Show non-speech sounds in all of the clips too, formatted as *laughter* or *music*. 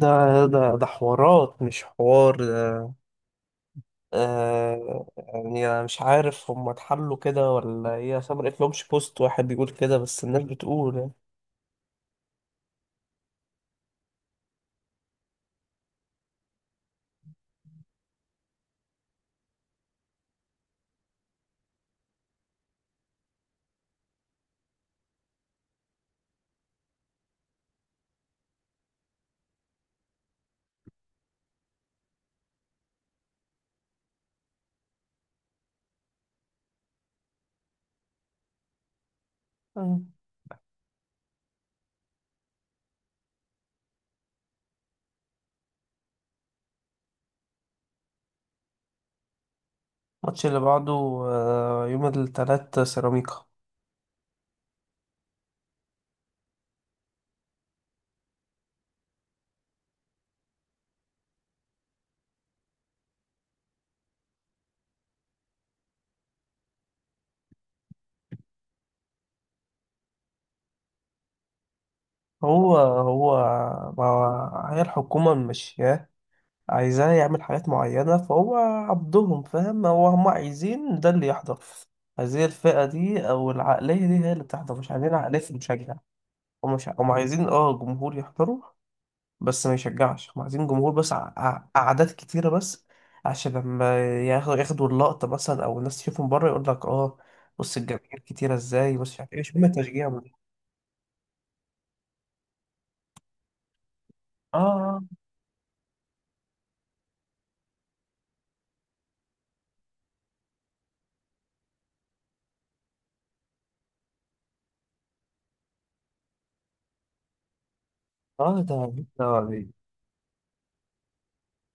ده حوارات مش حوار ده. يعني انا مش عارف هم اتحلوا كده ولا ايه، اصل ما لقيتلهمش بوست واحد بيقول كده، بس الناس بتقول يعني. مم. الماتش اللي بعده آه، يوم التلات سيراميكا. هو ما هو هي الحكومة ماشياه، عايزاه يعمل حاجات معينة، فهو عبدهم فاهم. هو هم عايزين ده اللي يحضر، عايزين الفئة دي أو العقلية دي هي اللي بتحضر، مش عايزين عقلية المشجع. هم مش هم عايزين اه جمهور يحضروا بس ما يشجعش. هم عايزين جمهور بس، أعداد كتيرة بس، عشان لما ياخدوا اللقطة مثلا أو الناس تشوفهم بره، يقول لك اه بص الجماهير كتيرة ازاي، بص مش عارف ايه، مش مهم التشجيع ده. اه اه ده-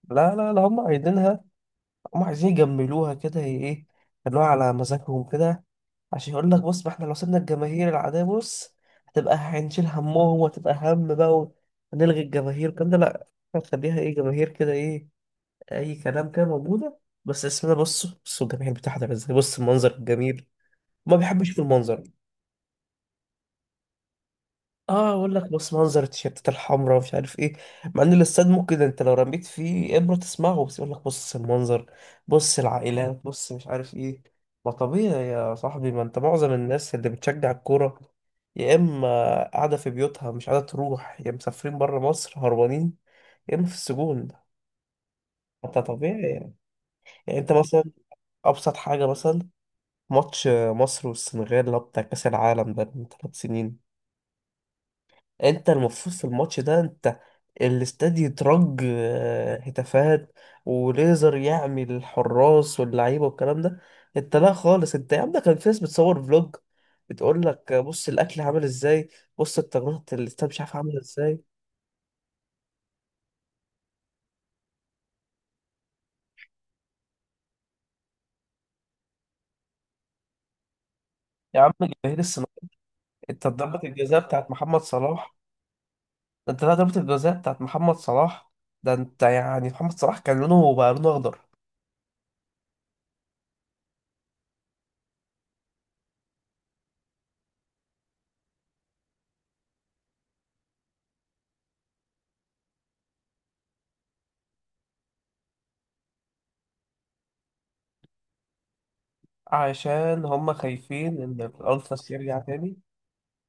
لا هم عايزينها، هم عايزين يجملوها كده هي ايه، يخلوها على مزاجهم كده. عشان يقول لك بص، ما احنا لو سيبنا الجماهير العادية بص هتبقى هنشيل همهم، وهتبقى هم بقى، ونلغي الجماهير والكلام ده، لا. هتخليها ايه، جماهير كده ايه، اي كلام كده موجوده، بس اسمنا، بصوا الجماهير المتحده عامله ازاي، بص المنظر الجميل. ما بيحبش يشوف المنظر. اه اقول لك بص منظر التيشيرتات الحمراء ومش عارف ايه، مع ان الاستاد ممكن انت لو رميت فيه ابره تسمعه، بس يقول لك بص المنظر، بص العائلات، بص مش عارف ايه. ما طبيعي يا صاحبي، ما انت معظم الناس اللي بتشجع الكوره يا اما قاعده في بيوتها مش قاعده تروح، يا مسافرين بره مصر هربانين، يا اما في السجون. انت طبيعي يعني. يعني انت مثلا، ابسط حاجه مثلا، ماتش مصر والسنغال اللي هو بتاع كأس العالم ده من ثلاث سنين، انت المفروض في الماتش ده انت الاستاد يترج هتافات وليزر، يعمل الحراس واللعيبه والكلام ده. انت لا خالص، انت يا عم ده كان في ناس بتصور فلوج، بتقول لك بص الاكل عامل ازاي، بص التجميع الاستاد مش عارف عامل ازاي. يا عم جماهير السنغال، انت ضربة الجزاء بتاعت محمد صلاح، ده انت لا ضربة الجزاء بتاعت محمد صلاح، ده انت يعني محمد صلاح كان لونه بقى لونه اخضر. عشان هم خايفين إن الألتراس يرجع تاني.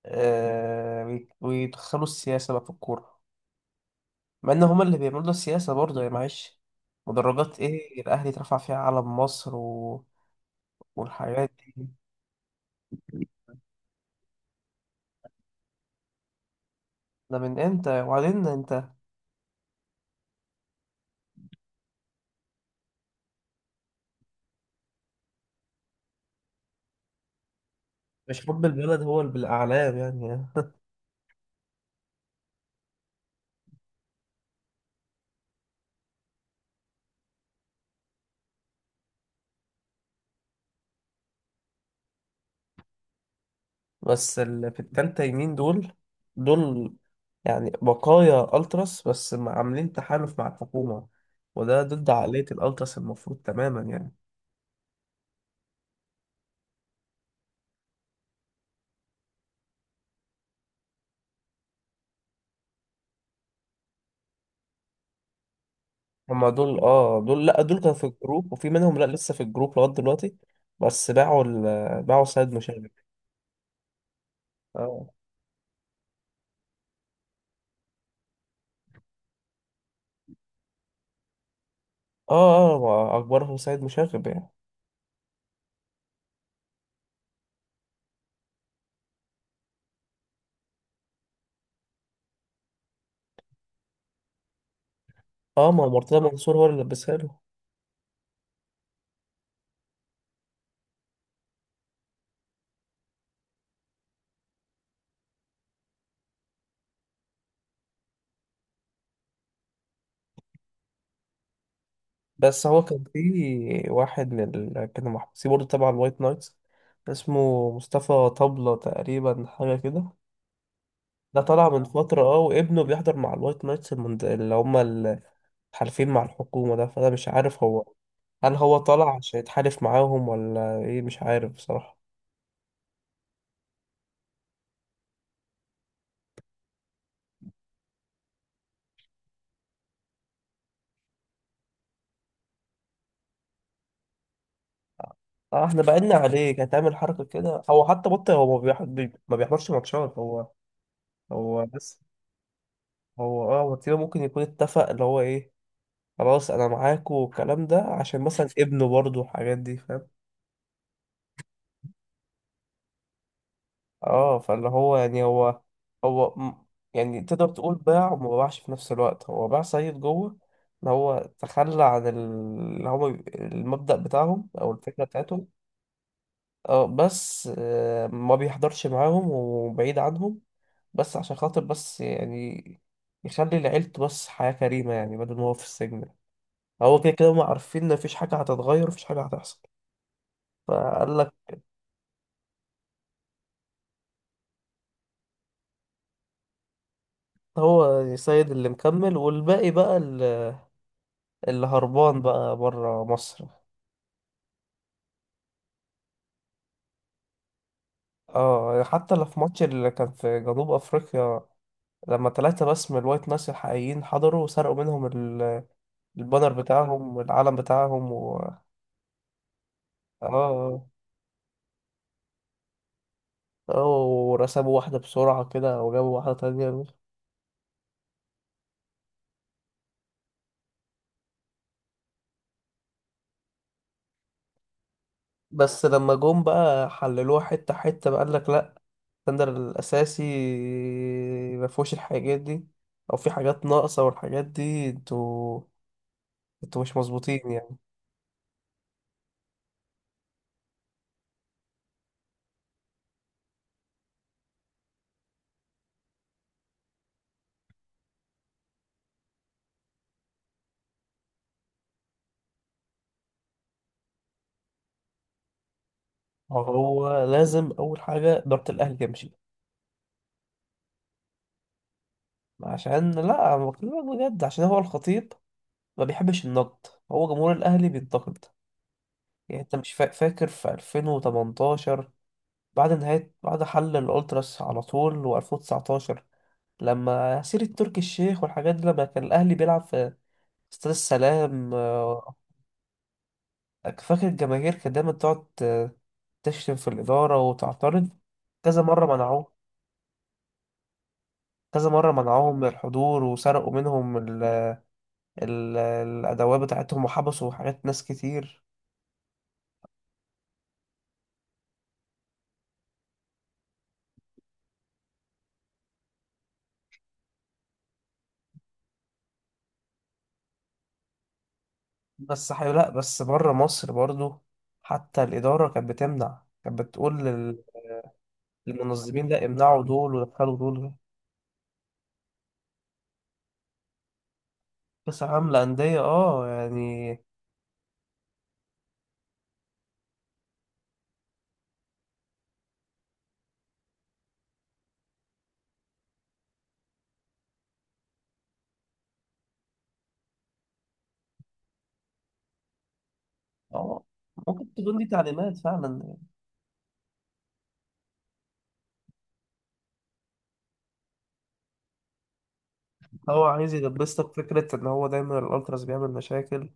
آه ويدخلوا السياسة بقى في الكورة، مع إن هم اللي بيعملوا السياسة برضه، يا معلش. مدرجات إيه الأهلي اترفع فيها علم مصر والحاجات دي. ده من إمتى؟ وبعدين أنت مش حب البلد هو اللي بالأعلام يعني. *laughs* بس اللي في التالتة يمين دول، دول يعني بقايا ألتراس بس عاملين تحالف مع الحكومة، وده ضد عقلية الألتراس المفروض تماما يعني. هما دول اه، دول لا، دول كانوا في الجروب وفي منهم لا لسه في الجروب لغاية دلوقتي، بس باعوا سيد مشاغب. اه اه اه، ما اكبرهم سيد مشاغب يعني. اه ما هو مرتضى منصور هو اللي لبسها له. بس هو كان كانوا محبوسين برضه تبع الوايت نايتس، اسمه مصطفى طبلة تقريبا، حاجة كده. ده طلع من فترة اه، وابنه بيحضر مع الوايت نايتس اللي هما الحالفين مع الحكومة ده. فأنا مش عارف هو، هل هو طلع عشان يتحالف معاهم ولا ايه، مش عارف بصراحة. اه احنا بعدنا *laughs* عليه، كانت تعمل حركة كده. هو حتى بطل، هو ما بيحضرش ماتشات هو. هو بس هو اه، وكده ممكن يكون اتفق اللي هو ايه، خلاص انا معاكوا والكلام ده، عشان مثلا ابنه برضه والحاجات دي فاهم. اه فاللي هو يعني هو م- يعني تقدر تقول باع وما باعش في نفس الوقت. هو باع سيد جوه، اللي هو تخلى عن اللي هو المبدأ بتاعهم او الفكرة بتاعتهم. اه بس ما بيحضرش معاهم وبعيد عنهم، بس عشان خاطر بس يعني يخلي لعيلته بس حياة كريمة، يعني بدل ما هو في السجن. هو كده كده هما عارفين ان مفيش حاجة هتتغير، مفيش حاجة هتحصل، فقال لك. هو سيد اللي مكمل، والباقي بقى اللي هربان بقى بره مصر. اه حتى اللي في ماتش اللي كان في جنوب افريقيا، لما ثلاثة بس من الوايت ناس الحقيقيين حضروا وسرقوا منهم البانر بتاعهم والعلم بتاعهم اه اه، ورسموا واحدة بسرعة كده وجابوا واحدة تانية. بس لما جم بقى حللوها حتة حتة، بقى قالك لأ، الستاندر الأساسي مفهوش الحاجات دي، أو في حاجات ناقصة والحاجات دي، انتوا مش مظبوطين يعني. هو لازم أول حاجة إدارة الأهلي تمشي، عشان لا أنا بكلمك بجد، عشان هو الخطيب ما بيحبش النقد، هو جمهور الأهلي بينتقد. يعني أنت مش فاكر في 2018 بعد نهاية، بعد حل الألتراس على طول، و2019 لما سيرة تركي الشيخ والحاجات دي، لما كان الأهلي بيلعب في استاد السلام فاكر الجماهير كانت دايما تقعد تشتم في الإدارة وتعترض. كذا مرة منعوه، كذا مرة منعوهم من الحضور، وسرقوا منهم الأدوات بتاعتهم، وحبسوا حاجات ناس كتير. لا بس بره مصر برضو حتى الإدارة كانت بتمنع، كانت بتقول للمنظمين لا امنعوا دول ودخلوا دول. كأس عالم للأندية اه يعني. اه ممكن تكون دي تعليمات فعلا. هو عايز يلبسك فكرة إن هو دايما الألتراس بيعمل مشاكل،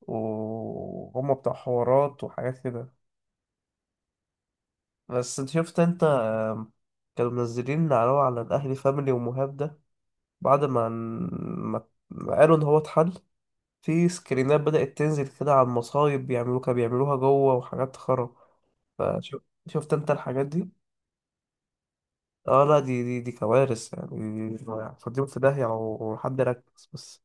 وهم بتوع حوارات وحاجات كده. بس انت شفت انت كانوا منزلين على الأهلي فاميلي ومهاب ده، بعد ما قالوا إن هو اتحل. في سكرينات بدأت تنزل كده على المصايب بيعملوها، كانوا بيعملوها جوه وحاجات خرا. فشوف شفت أنت الحاجات دي؟ اه لا، دي كوارث يعني. دي- دي- فاضيين في داهية لو حد ركز بس.